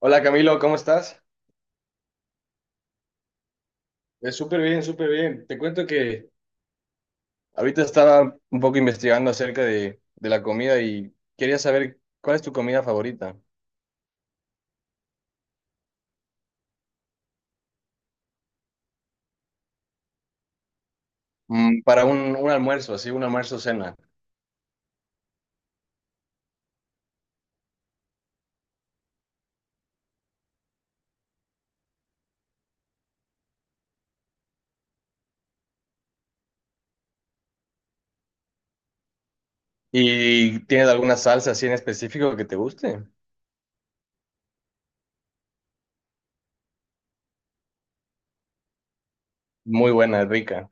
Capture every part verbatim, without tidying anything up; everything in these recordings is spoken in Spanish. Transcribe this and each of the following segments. Hola Camilo, ¿cómo estás? Eh, súper bien, súper bien. Te cuento que ahorita estaba un poco investigando acerca de, de la comida y quería saber cuál es tu comida favorita. Mm, para un, un almuerzo, así, un almuerzo cena. ¿Y tienes alguna salsa así en específico que te guste? Muy buena, rica.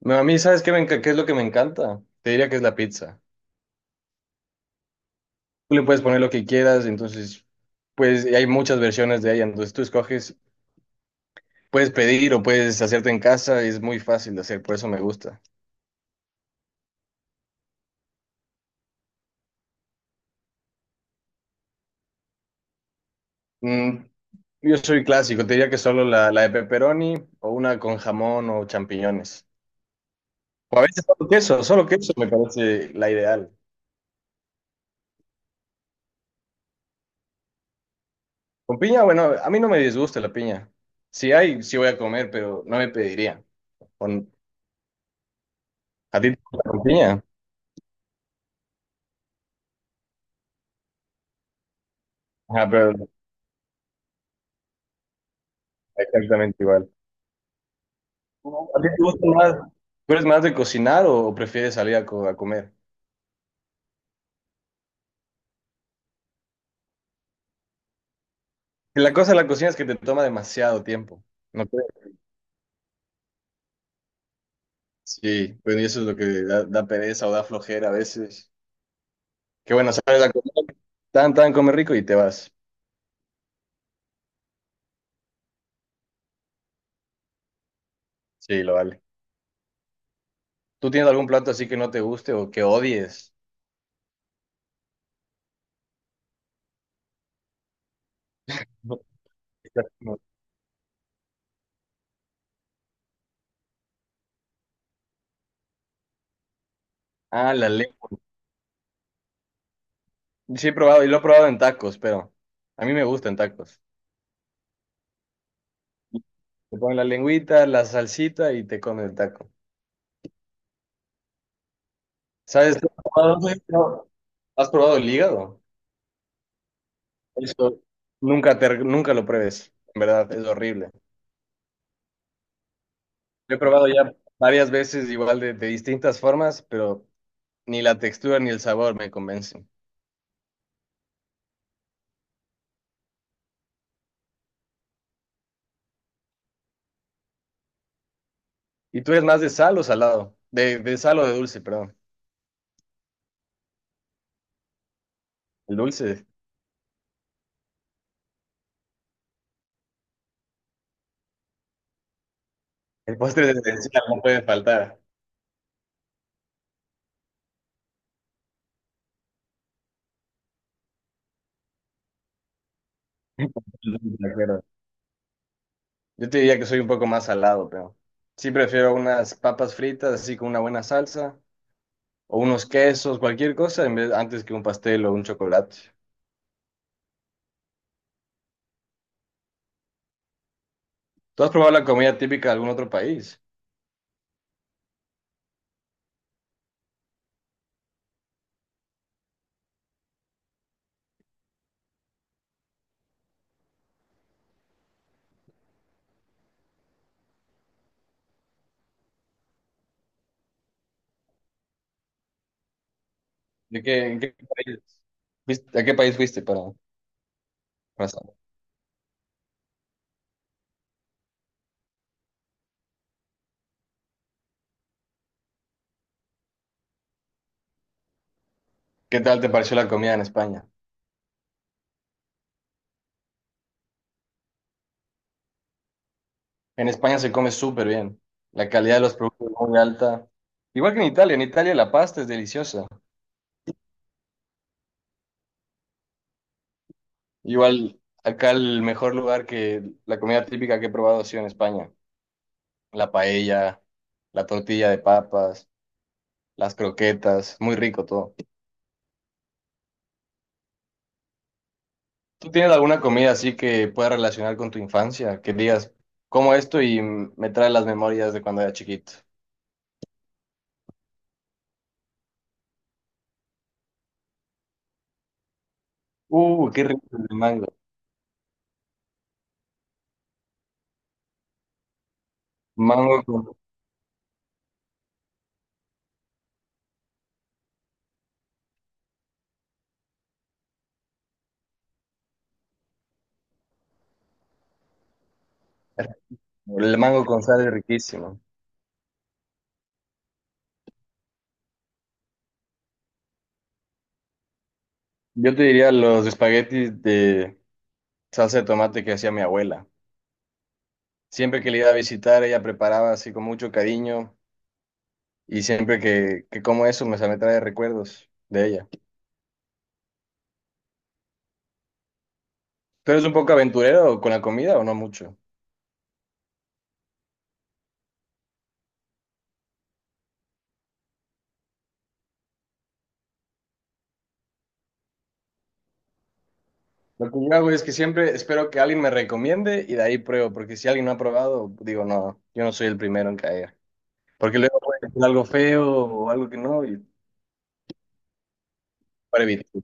No, a mí, ¿sabes qué, me enca- qué es lo que me encanta? Te diría que es la pizza. Tú le puedes poner lo que quieras, entonces, pues y hay muchas versiones de ella, entonces tú escoges, puedes pedir o puedes hacerte en casa, es muy fácil de hacer, por eso me gusta. Mm, yo soy clásico, te diría que solo la, la de pepperoni o una con jamón o champiñones. O a veces solo queso, solo queso me parece la ideal. Con piña, bueno, a mí no me disgusta la piña. Si hay, sí voy a comer, pero no me pediría. Con- ¿a ti te gusta con piña? Ah, pero exactamente igual. ¿A ti te gusta más? ¿Tú eres más de cocinar o prefieres salir a, co- a comer? La cosa de la cocina es que te toma demasiado tiempo, ¿no crees? Sí, pues y eso es lo que da, da pereza o da flojera a veces. Qué bueno, sales a comer, tan, tan, comer rico y te vas. Sí, lo vale. ¿Tú tienes algún plato así que no te guste o que odies? No. Ah, la lengua. Sí, he probado, y lo he probado en tacos, pero a mí me gustan en tacos. Te ponen la lengüita, la salsita y te comen el taco. ¿Sabes? ¿Has probado, no, ¿has probado el hígado? Eso nunca, te- nunca lo pruebes, en verdad, es horrible. Lo he probado ya varias veces, igual de, de distintas formas, pero ni la textura ni el sabor me convencen. ¿Y tú eres más de sal o salado? De, de sal o de dulce, perdón. El dulce. El postre de encina no puede faltar. De acuerdo. Yo te diría que soy un poco más salado, pero sí prefiero unas papas fritas así con una buena salsa o unos quesos, cualquier cosa, en vez, antes que un pastel o un chocolate. ¿Tú has probado la comida típica de algún otro país? ¿De qué, en qué país fuiste, a qué país fuiste para, para saber? ¿Qué tal te pareció la comida en España? En España se come súper bien. La calidad de los productos es muy alta. Igual que en Italia. En Italia la pasta es deliciosa. Igual acá el mejor lugar que la comida típica que he probado ha sido en España. La paella, la tortilla de papas, las croquetas. Muy rico todo. ¿Tú tienes alguna comida así que puedas relacionar con tu infancia? Que digas, como esto y me trae las memorias de cuando era chiquito. Uh, qué rico el mango. Mango con, el mango con sal es riquísimo. Yo te diría los espaguetis de salsa de tomate que hacía mi abuela. Siempre que le iba a visitar, ella preparaba así con mucho cariño y siempre que, que como eso me, me trae recuerdos de ella. ¿Tú eres un poco aventurero con la comida o no mucho? Lo que yo hago es que siempre espero que alguien me recomiende y de ahí pruebo, porque si alguien no ha probado, digo, no, yo no soy el primero en caer. Porque luego puede ser algo feo o algo que no, y para evitar.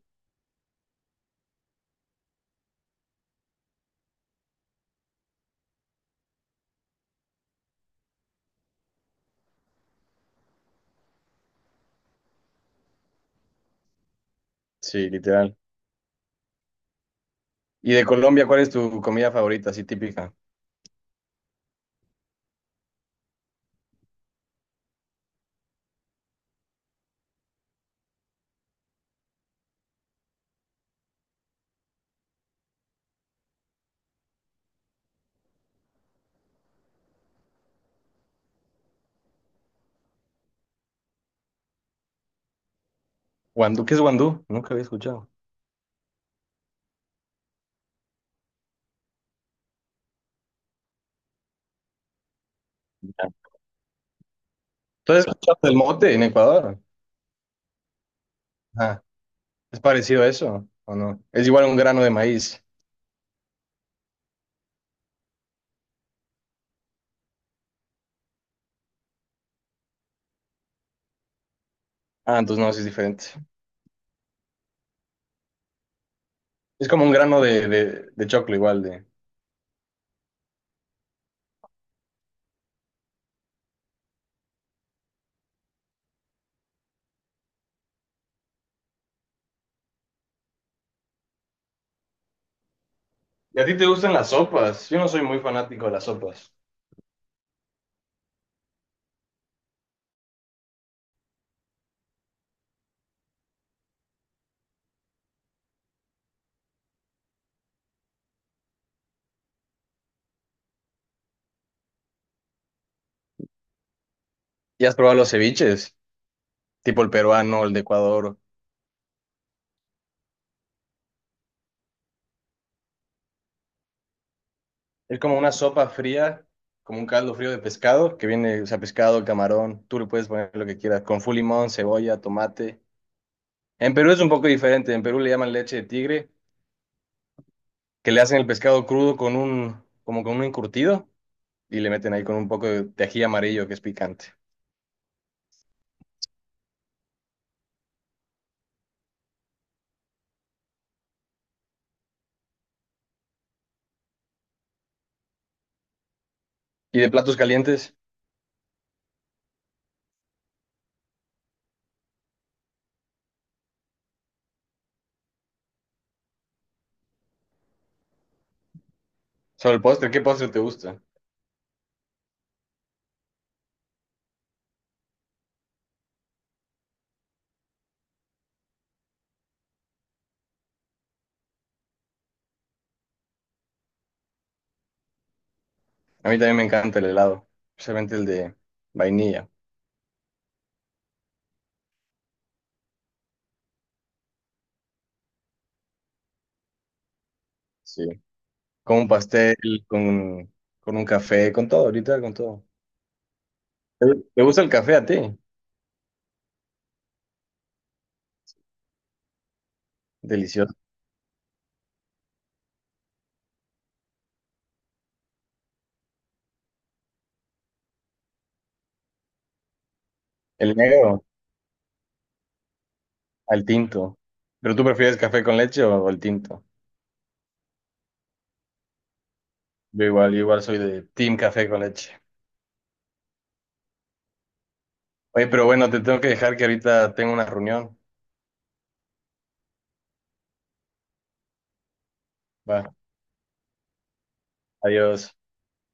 Sí, literal. ¿Y de Colombia, cuál es tu comida favorita, así típica? Guandú, ¿qué es guandú? Nunca había escuchado. Entonces, ¿escuchaste el mote en Ecuador? Ah, ¿es parecido a eso o no? Es igual un grano de maíz. Ah, entonces no, sí es diferente. Es como un grano de, de, de choclo igual de... ¿Y a ti te gustan las sopas? Yo no soy muy fanático de las sopas. ¿Y has probado los ceviches? Tipo el peruano, el de Ecuador. Es como una sopa fría, como un caldo frío de pescado, que viene, o sea, pescado, camarón, tú le puedes poner lo que quieras, con full limón, cebolla, tomate. En Perú es un poco diferente, en Perú le llaman leche de tigre, que le hacen el pescado crudo con un, como con un encurtido y le meten ahí con un poco de de ají amarillo que es picante. Y de platos calientes, sobre el postre, ¿qué postre te gusta? A mí también me encanta el helado, especialmente el de vainilla, sí. Con un pastel, con, con un café, con todo, ahorita con todo. ¿Te te gusta el café a ti? Delicioso. El negro al tinto. ¿Pero tú prefieres café con leche o el tinto? Yo igual, yo igual soy de team café con leche. Oye, pero bueno, te tengo que dejar que ahorita tengo una reunión. Va. Adiós.